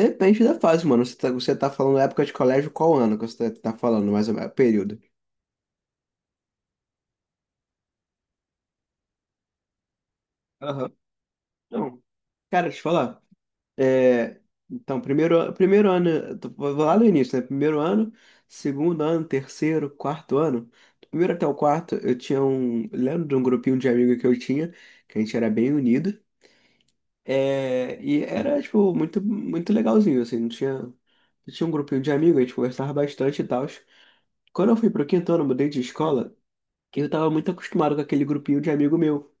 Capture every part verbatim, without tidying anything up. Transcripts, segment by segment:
Depende da fase, mano. Você tá, você tá falando época de colégio, qual ano que você tá, tá falando, mais ou menos, período? Aham. Não, cara, deixa eu te falar. É, então, primeiro, an- primeiro ano, eu tô- vou lá no início, né? Primeiro ano, segundo ano, terceiro, quarto ano. Do primeiro até o quarto, eu tinha um. Lembro de um grupinho de amigos que eu tinha, que a gente era bem unido. É, e era, tipo, muito, muito legalzinho, assim. Não tinha, não tinha um grupinho de amigos, a gente conversava bastante e tal. Quando eu fui pro quinto ano, eu mudei de escola, que eu tava muito acostumado com aquele grupinho de amigo meu.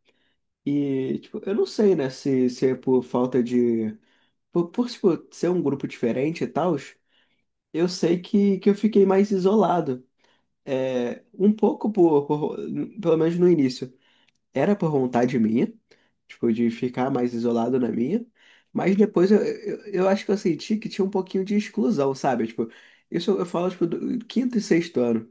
E, tipo, eu não sei, né, se, se é por falta de. Por, por, tipo, ser um grupo diferente e tal, eu sei que, que eu fiquei mais isolado. É, um pouco por, por- pelo menos no início. Era por vontade minha, tipo, de ficar mais isolado na minha. Mas depois eu, eu, eu acho que eu senti que tinha um pouquinho de exclusão, sabe? Tipo, isso eu falo, tipo, do quinto e sexto ano.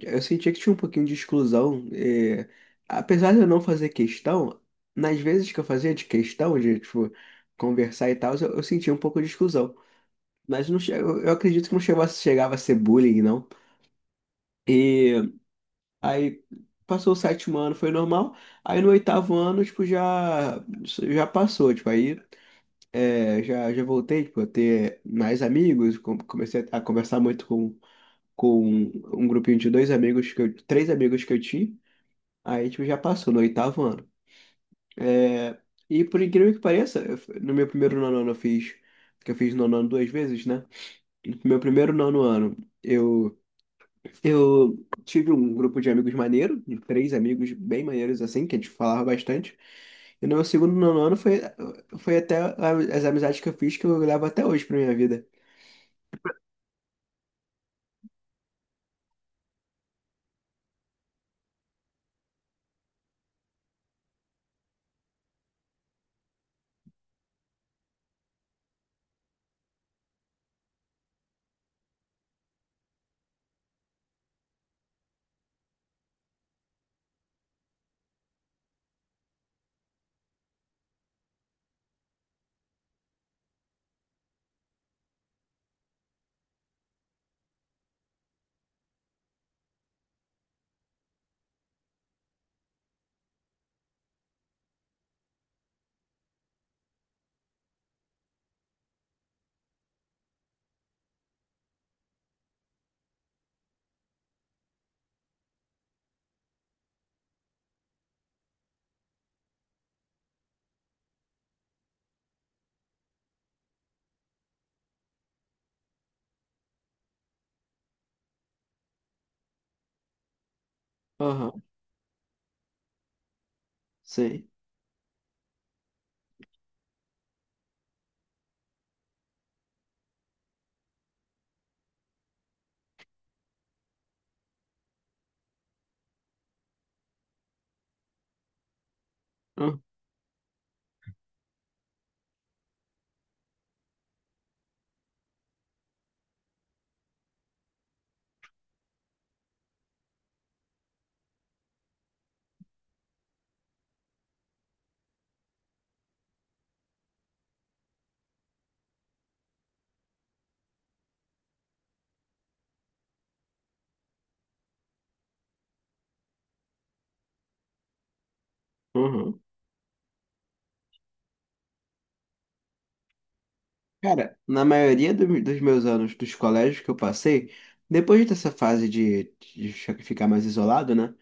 Eu sentia que tinha um pouquinho de exclusão. é, Apesar de eu não fazer questão, nas vezes que eu fazia de questão, de, tipo, conversar e tal, eu, eu sentia um pouco de exclusão. Mas não, che- eu eu acredito que não chegou a- chegava a ser bullying, não. E aí passou o sétimo ano, foi normal. Aí no oitavo ano, tipo, já, já passou. Tipo, aí é, já, já voltei, tipo, a ter mais amigos. com- Comecei a conversar muito com, com um um grupinho de dois amigos, que eu, três amigos que eu tinha. Aí, tipo, já passou no oitavo ano. É, e por incrível que pareça, eu f- no meu primeiro nono ano eu fiz, que eu fiz nono ano duas vezes, né? No meu primeiro nono ano, eu, eu tive um grupo de amigos maneiro, de três amigos bem maneiros, assim, que a gente falava bastante. E no meu segundo nono ano foi, foi até a- as amizades que eu fiz, que eu levo até hoje pra minha vida. Aham, sim. Aham. Cara, na maioria do- dos meus anos dos colégios que eu passei, depois dessa fase de, de ficar mais isolado, né?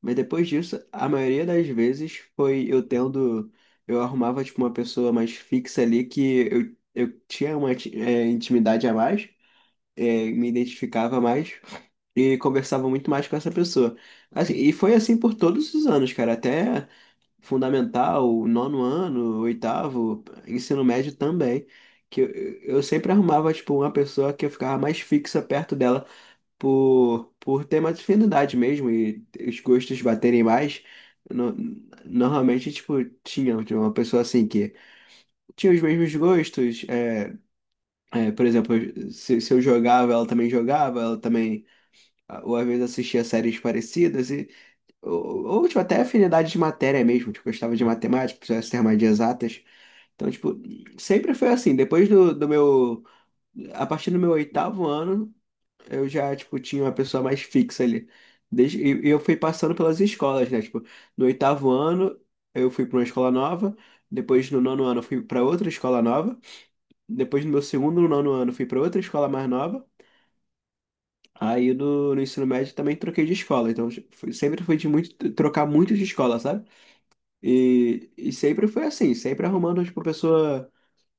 Mas depois disso, a maioria das vezes foi eu tendo. Eu arrumava, tipo, uma pessoa mais fixa ali que eu, eu tinha uma ti- é, intimidade a mais, é, me identificava mais e conversava muito mais com essa pessoa. Assim, e foi assim por todos os anos, cara. Até fundamental, nono ano, oitavo, ensino médio também. Que eu, eu sempre arrumava, tipo, uma pessoa que eu ficava mais fixa perto dela por, por ter mais afinidade mesmo e os gostos baterem mais. No- normalmente, tipo, tinha uma pessoa assim que tinha os mesmos gostos. É, é, por exemplo, se, se eu jogava, ela também jogava, ela também, ou às vezes assistia séries parecidas, e, ou, ou, tipo, até afinidade de matéria mesmo, tipo, gostava de matemática, precisava ser mais de exatas. Então, tipo, sempre foi assim. Depois do, do meu. A partir do meu oitavo ano, eu já, tipo, tinha uma pessoa mais fixa ali. Desde, e e eu fui passando pelas escolas, né? Tipo, no oitavo ano, eu fui para uma escola nova. Depois, no nono ano, eu fui para outra escola nova. Depois, no meu segundo no nono ano, eu fui para outra escola mais nova. Aí, no, no ensino médio, também troquei de escola. Então, fui- sempre foi de muito, trocar muito de escola, sabe? E, e sempre foi assim, sempre arrumando, tipo, pessoa.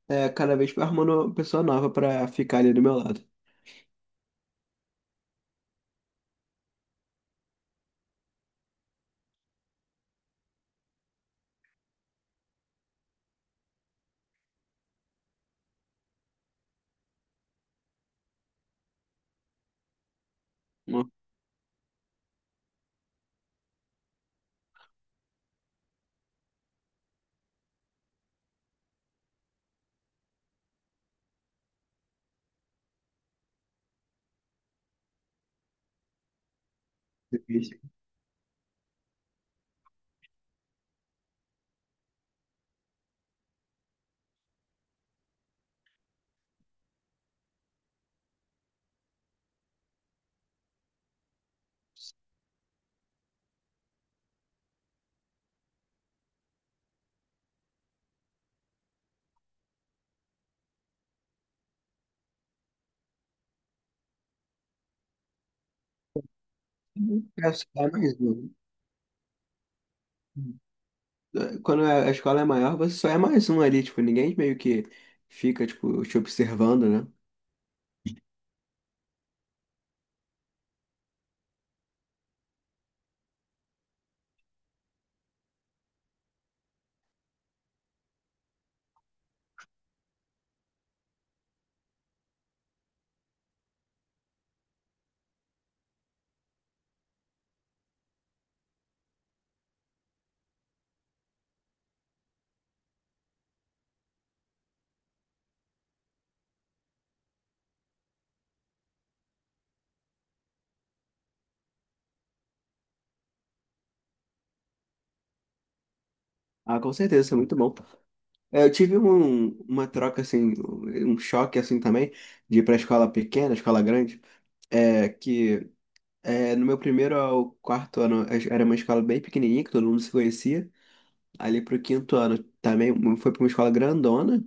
É, cada vez vai arrumando uma pessoa nova pra ficar ali do meu lado. Uma vez. É só mais um. É, quando a a escola é maior, você só é mais um ali, tipo, ninguém meio que fica, tipo, te observando, né? Ah, com certeza, isso é muito bom. É, eu tive um, uma troca, assim, um choque, assim, também, de ir pra escola pequena, escola grande, é, que é, no meu primeiro ao quarto ano é, era uma escola bem pequenininha, que todo mundo se conhecia, ali pro quinto ano também foi pra uma escola grandona.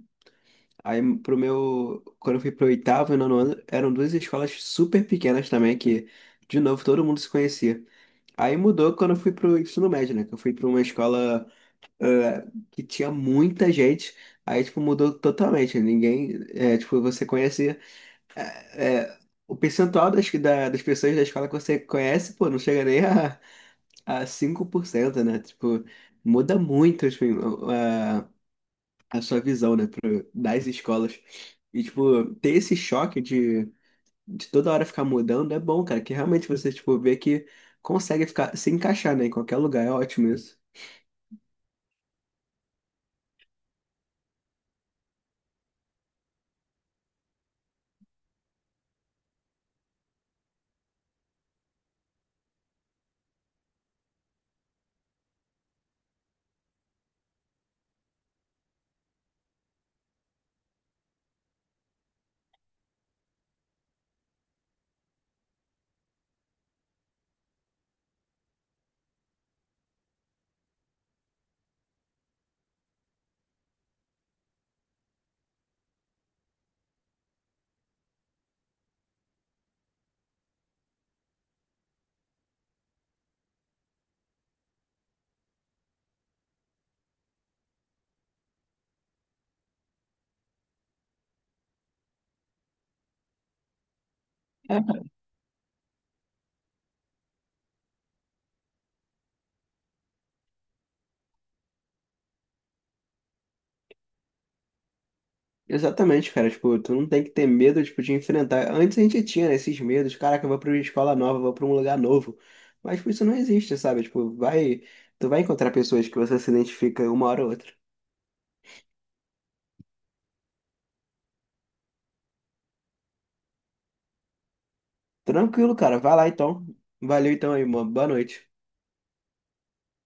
Aí pro meu, quando eu fui pro oitavo e nono ano, eram duas escolas super pequenas também, que, de novo, todo mundo se conhecia. Aí mudou quando eu fui pro ensino médio, né? Que eu fui pra uma escola eh, que tinha muita gente. Aí, tipo, mudou totalmente. Ninguém, eh, tipo, você conhecia eh, o percentual das, da- das pessoas da escola que você conhece, pô, não chega nem a, a cinco por cento, né? Tipo, muda muito, assim, a sua visão, né, pro, das escolas. E, tipo, ter esse choque de, de toda hora ficar mudando é bom, cara, que realmente você, tipo, vê que consegue ficar, se encaixar, né, em qualquer lugar, é ótimo isso. É. Exatamente, cara, tipo, tu não tem que ter medo, tipo, de enfrentar. Antes a gente tinha, né, esses medos, caraca, eu vou pra uma escola nova, eu vou pra um lugar novo. Mas, tipo, isso não existe, sabe? Tipo, vai, tu vai encontrar pessoas que você se identifica uma hora ou outra. Tranquilo, cara, vai lá então. Valeu então aí, mano. Boa noite.